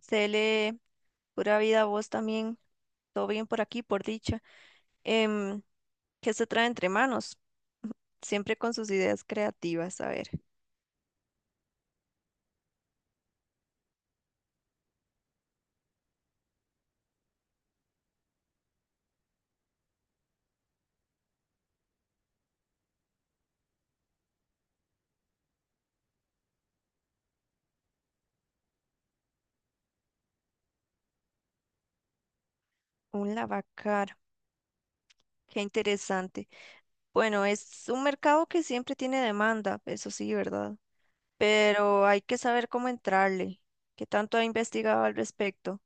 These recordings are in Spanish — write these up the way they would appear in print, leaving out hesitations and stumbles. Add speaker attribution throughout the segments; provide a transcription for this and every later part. Speaker 1: Cele, pura vida a vos también. Todo bien por aquí, por dicha. Em, ¿Qué se trae entre manos? Siempre con sus ideas creativas. A ver, un lavacar. Qué interesante. Bueno, es un mercado que siempre tiene demanda, eso sí, ¿verdad? Pero hay que saber cómo entrarle. ¿Qué tanto ha investigado al respecto?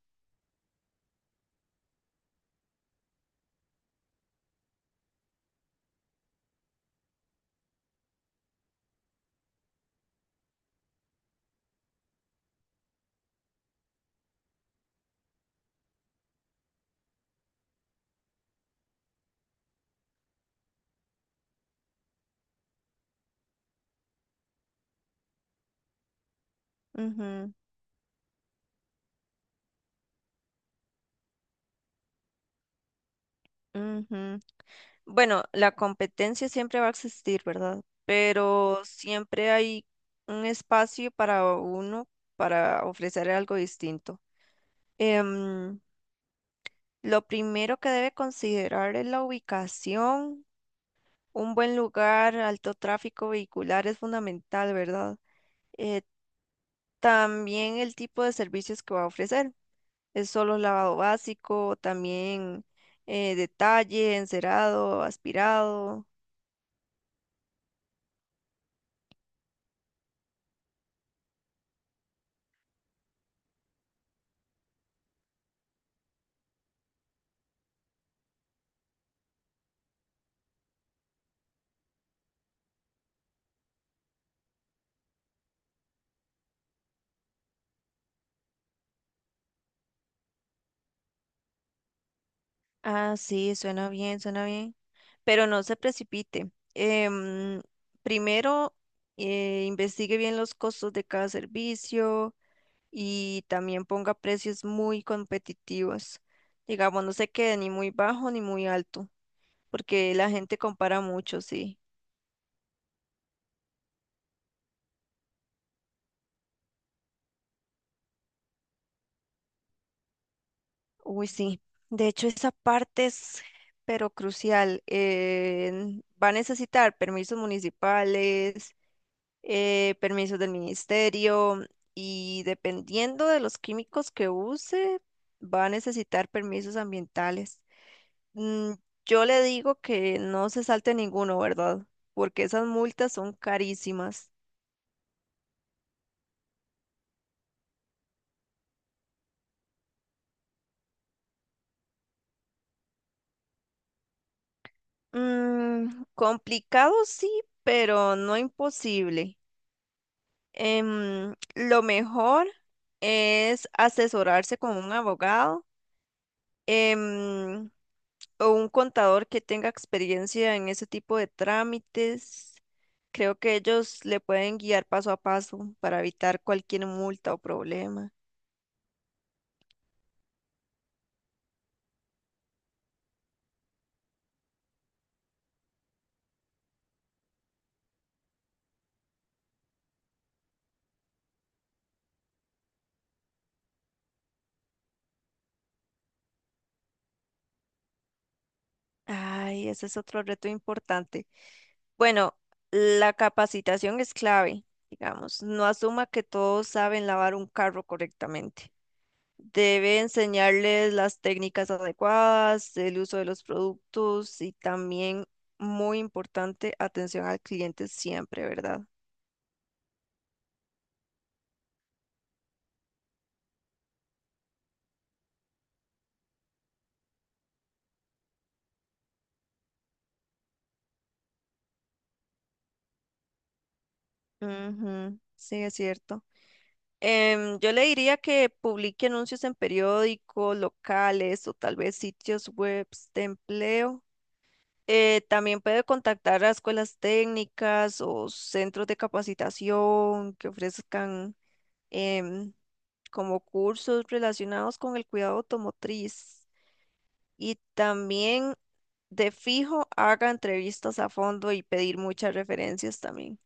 Speaker 1: Ujú, ujú. Bueno, la competencia siempre va a existir, ¿verdad? Pero siempre hay un espacio para uno para ofrecer algo distinto. Em, lo primero que debe considerar es la ubicación. Un buen lugar, alto tráfico vehicular es fundamental, ¿verdad? Eh, También el tipo de servicios que va a ofrecer. Es solo lavado básico, también detalle, encerado, aspirado. Ah, sí, suena bien, pero no se precipite. Primero, investigue bien los costos de cada servicio y también ponga precios muy competitivos. Digamos, no se quede ni muy bajo ni muy alto, porque la gente compara mucho, sí. Uy, sí. De hecho, esa parte es, pero crucial. Va a necesitar permisos municipales, permisos del ministerio y dependiendo de los químicos que use, va a necesitar permisos ambientales. Mm, yo le digo que no se salte ninguno, ¿verdad? Porque esas multas son carísimas. Mm, complicado sí, pero no imposible. Lo mejor es asesorarse con un abogado. Em, o un contador que tenga experiencia en ese tipo de trámites. Creo que ellos le pueden guiar paso a paso para evitar cualquier multa o problema. Ay, ese es otro reto importante. Bueno, la capacitación es clave, digamos. No asuma que todos saben lavar un carro correctamente. Debe enseñarles las técnicas adecuadas, el uso de los productos y también, muy importante, atención al cliente siempre, ¿verdad? Ujú, sí, es cierto. Yo le diría que publique anuncios en periódicos, locales o tal vez sitios web de empleo. También puede contactar a escuelas técnicas o centros de capacitación que ofrezcan em, como cursos relacionados con el cuidado automotriz. Y también de fijo haga entrevistas a fondo y pedir muchas referencias también.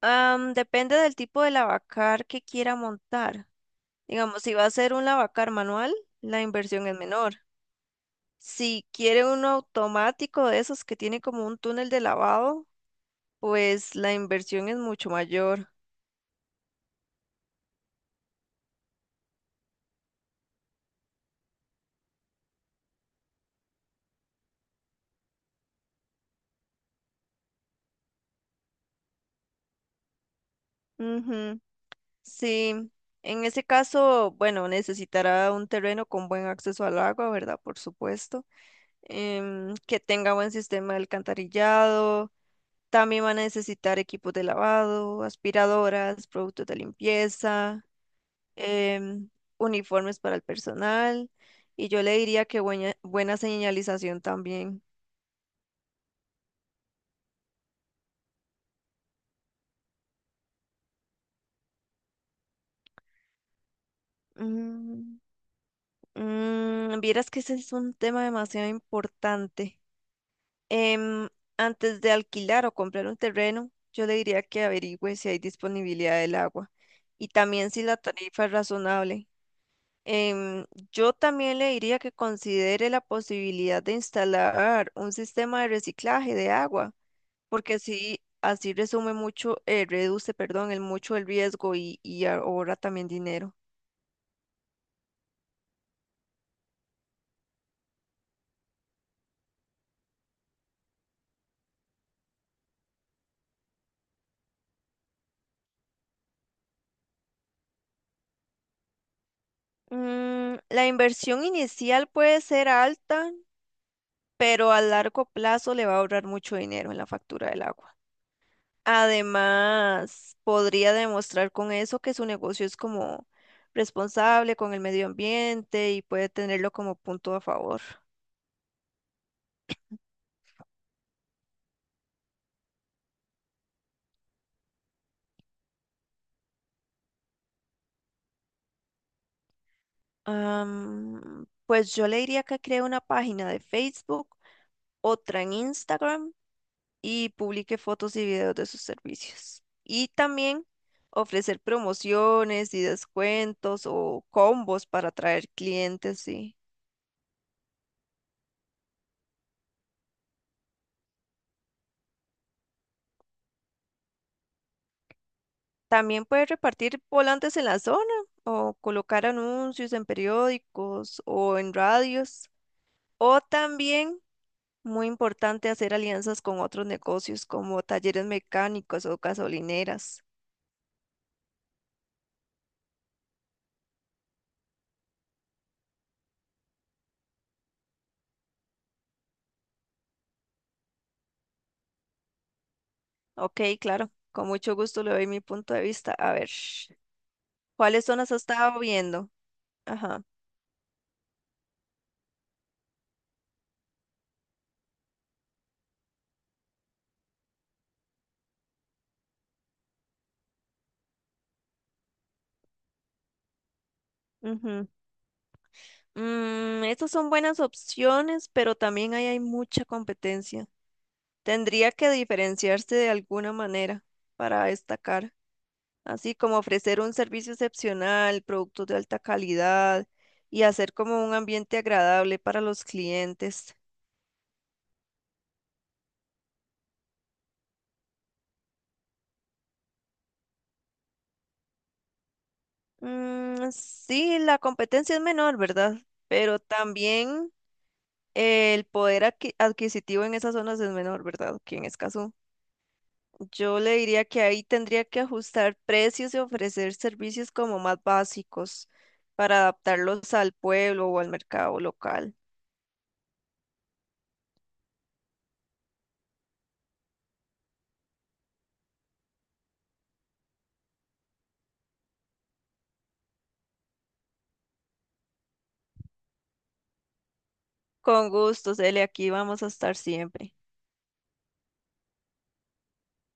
Speaker 1: Depende del tipo de lavacar que quiera montar. Digamos, si va a ser un lavacar manual, la inversión es menor. Si quiere uno automático de esos que tiene como un túnel de lavado, pues la inversión es mucho mayor. Ujú, sí, en ese caso, bueno, necesitará un terreno con buen acceso al agua, ¿verdad? Por supuesto. Que tenga buen sistema de alcantarillado. También van a necesitar equipos de lavado, aspiradoras, productos de limpieza, em, uniformes para el personal. Y yo le diría que buena señalización también. Mm, mm, vieras que ese es un tema demasiado importante. Em, Antes de alquilar o comprar un terreno, yo le diría que averigüe si hay disponibilidad del agua y también si la tarifa es razonable. Em, yo también le diría que considere la posibilidad de instalar un sistema de reciclaje de agua, porque así resume mucho, reduce, perdón, el mucho el riesgo y ahorra también dinero. Mm, la inversión inicial puede ser alta, pero a largo plazo le va a ahorrar mucho dinero en la factura del agua. Además, podría demostrar con eso que su negocio es como responsable con el medio ambiente y puede tenerlo como punto a favor. Pues yo le diría que cree una página de Facebook, otra en Instagram y publique fotos y videos de sus servicios. Y también ofrecer promociones y descuentos o combos para atraer clientes, sí. También puede repartir volantes en la zona o colocar anuncios en periódicos o en radios. O también, muy importante, hacer alianzas con otros negocios como talleres mecánicos o gasolineras. Ok, claro, con mucho gusto le doy mi punto de vista. A ver, ¿cuáles zonas has estado viendo? Ajá. Ujú. Mm, estas son buenas opciones, pero también ahí hay mucha competencia. Tendría que diferenciarse de alguna manera para destacar, así como ofrecer un servicio excepcional, productos de alta calidad y hacer como un ambiente agradable para los clientes. Mm, sí, la competencia es menor, ¿verdad? Pero también el adquisitivo en esas zonas es menor, ¿verdad? Que en Escazú. Yo le diría que ahí tendría que ajustar precios y ofrecer servicios como más básicos para adaptarlos al pueblo o al mercado local. Con gusto, Cele, aquí vamos a estar siempre.